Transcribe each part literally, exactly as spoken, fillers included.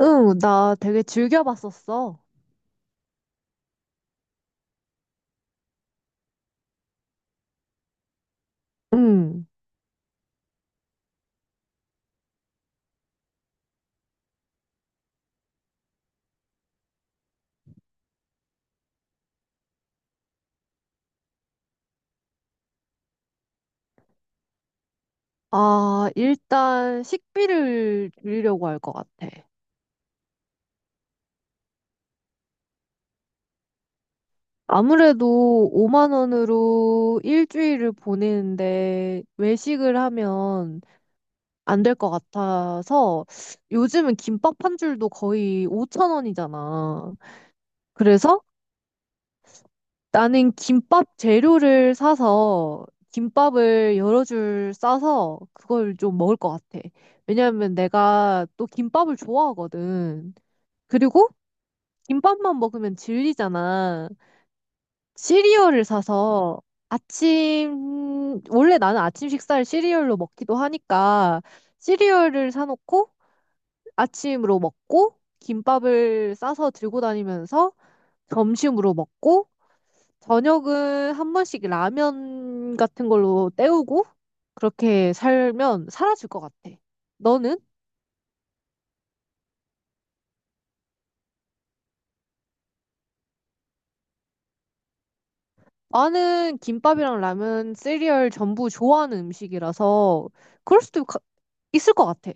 응, 나 되게 즐겨 봤었어. 응. 아, 일단 식비를 줄이려고 할 것 같아. 아무래도 오만 원으로 일주일을 보내는데 외식을 하면 안 될 것 같아서 요즘은 김밥 한 줄도 거의 오천 원이잖아. 그래서 나는 김밥 재료를 사서 김밥을 여러 줄 싸서 그걸 좀 먹을 것 같아. 왜냐하면 내가 또 김밥을 좋아하거든. 그리고 김밥만 먹으면 질리잖아. 시리얼을 사서 아침, 원래 나는 아침 식사를 시리얼로 먹기도 하니까 시리얼을 사놓고 아침으로 먹고 김밥을 싸서 들고 다니면서 점심으로 먹고 저녁은 한 번씩 라면 같은 걸로 때우고 그렇게 살면 살아줄 것 같아. 너는? 나는 김밥이랑 라면, 시리얼 전부 좋아하는 음식이라서 그럴 수도 가- 있을 것 같아.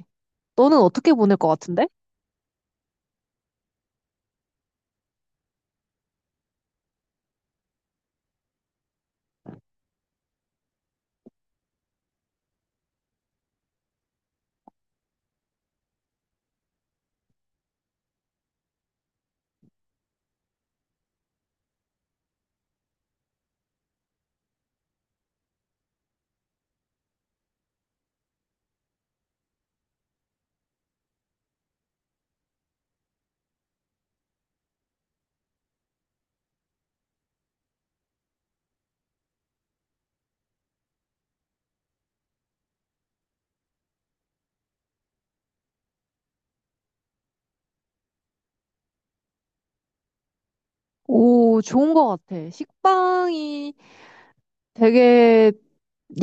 너는 어떻게 보낼 것 같은데? 오, 좋은 것 같아. 식빵이 되게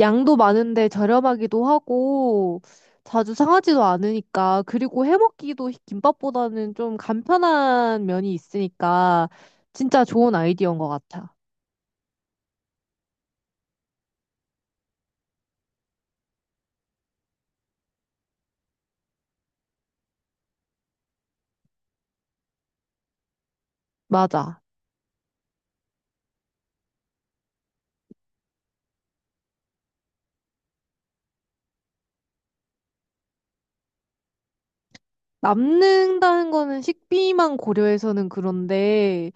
양도 많은데 저렴하기도 하고 자주 상하지도 않으니까 그리고 해먹기도 김밥보다는 좀 간편한 면이 있으니까 진짜 좋은 아이디어인 것 같아. 맞아. 남는다는 거는 식비만 고려해서는 그런데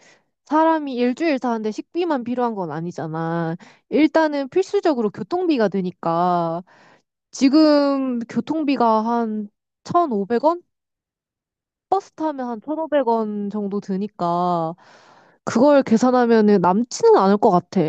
사람이 일주일 사는데 식비만 필요한 건 아니잖아. 일단은 필수적으로 교통비가 되니까 지금 교통비가 한 천오백 원? 버스 타면 한 천오백 원 정도 드니까 그걸 계산하면은 남지는 않을 것 같아.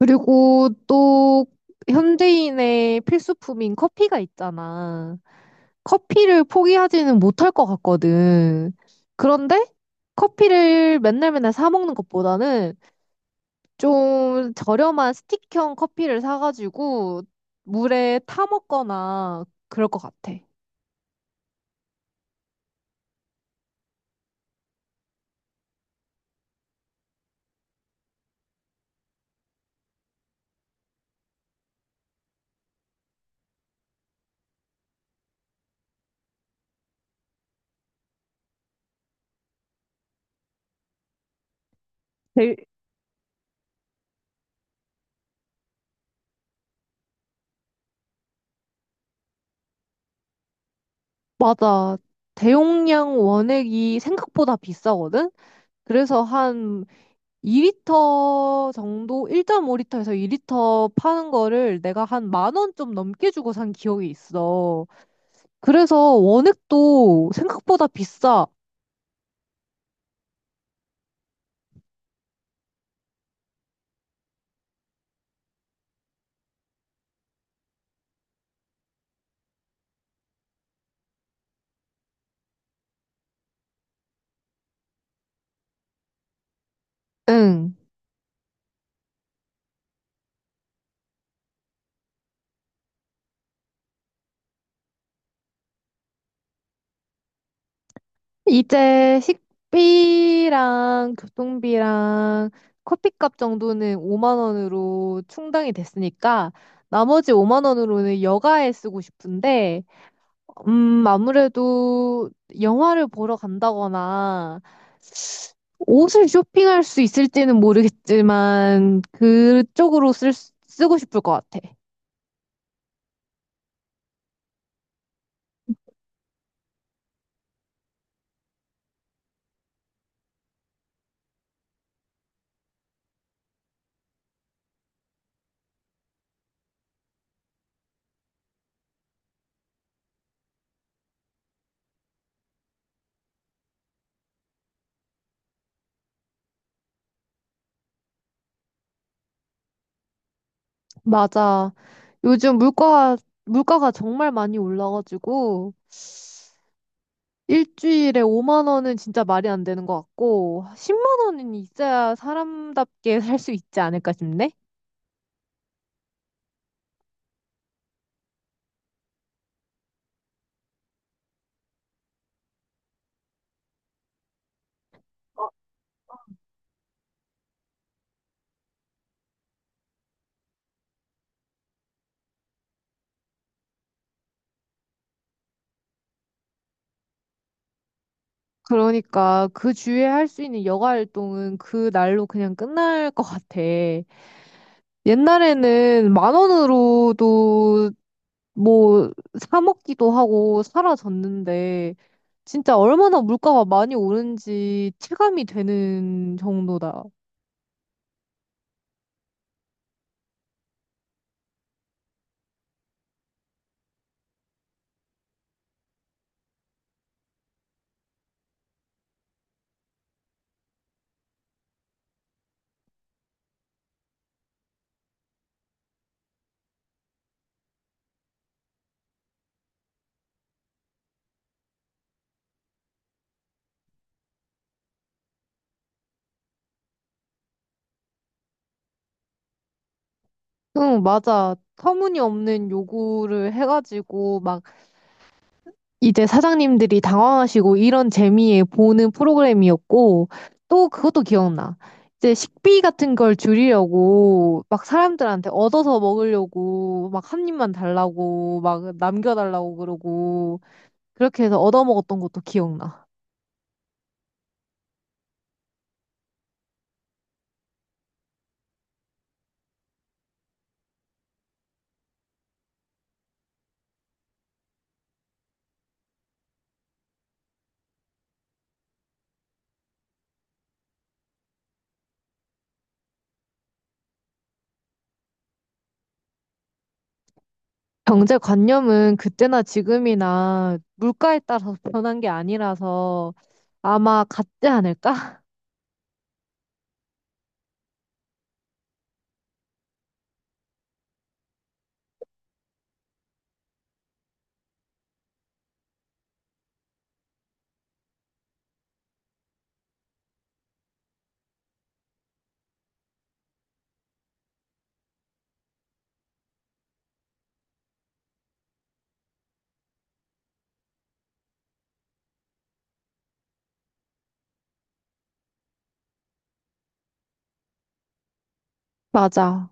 그리고 또 현대인의 필수품인 커피가 있잖아. 커피를 포기하지는 못할 것 같거든. 그런데 커피를 맨날 맨날 사 먹는 것보다는 좀 저렴한 스틱형 커피를 사가지고 물에 타 먹거나 그럴 것 같아. 제일 맞아. 대용량 원액이 생각보다 비싸거든? 그래서 한 이 리터 정도, 일 점 오 리터에서 이 리터 파는 거를 내가 한 만 원 좀 넘게 주고 산 기억이 있어. 그래서 원액도 생각보다 비싸. 응. 이제 식비랑 교통비랑 커피값 정도는 오만 원으로 충당이 됐으니까 나머지 오만 원으로는 여가에 쓰고 싶은데 음, 아무래도 영화를 보러 간다거나 옷을 쇼핑할 수 있을지는 모르겠지만 그쪽으로 쓸, 수- 쓰고 싶을 것 같아. 맞아. 요즘 물가, 물가가 정말 많이 올라가지고 일주일에 오만 원은 진짜 말이 안 되는 것 같고 십만 원은 있어야 사람답게 살 수 있지 않을까 싶네. 그러니까 그 주에 할 수 있는 여가 활동은 그 날로 그냥 끝날 것 같아. 옛날에는 만 원으로도 뭐 사 먹기도 하고 사라졌는데 진짜 얼마나 물가가 많이 오른지 체감이 되는 정도다. 응, 맞아. 터무니없는 요구를 해가지고 막 이제 사장님들이 당황하시고 이런 재미에 보는 프로그램이었고 또 그것도 기억나. 이제 식비 같은 걸 줄이려고 막 사람들한테 얻어서 먹으려고 막 한 입만 달라고 막 남겨달라고 그러고 그렇게 해서 얻어먹었던 것도 기억나. 경제관념은 그때나 지금이나 물가에 따라서 변한 게 아니라서 아마 같지 않을까? 맞아.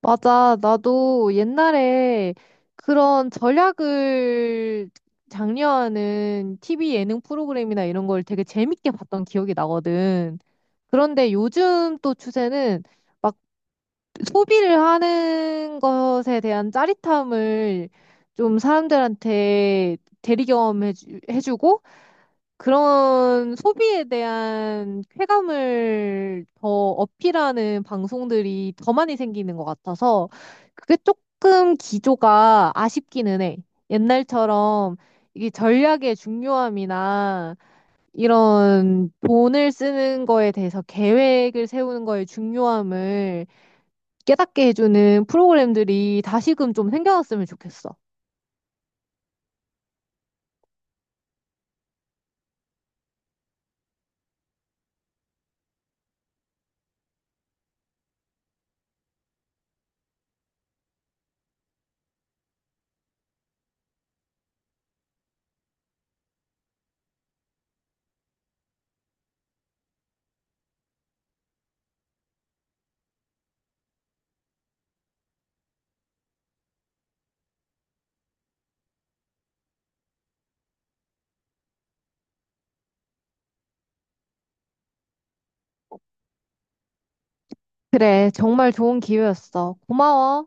맞아. 나도 옛날에 그런 전략을 장려하는 티비 예능 프로그램이나 이런 걸 되게 재밌게 봤던 기억이 나거든. 그런데 요즘 또 추세는 막 소비를 하는 것에 대한 짜릿함을 좀 사람들한테 대리 경험해 주고 그런 소비에 대한 쾌감을 더 어필하는 방송들이 더 많이 생기는 것 같아서 그게 조금 기조가 아쉽기는 해. 옛날처럼 이게 전략의 중요함이나 이런 돈을 쓰는 거에 대해서 계획을 세우는 거의 중요함을 깨닫게 해주는 프로그램들이 다시금 좀 생겨났으면 좋겠어. 그래, 정말 좋은 기회였어. 고마워.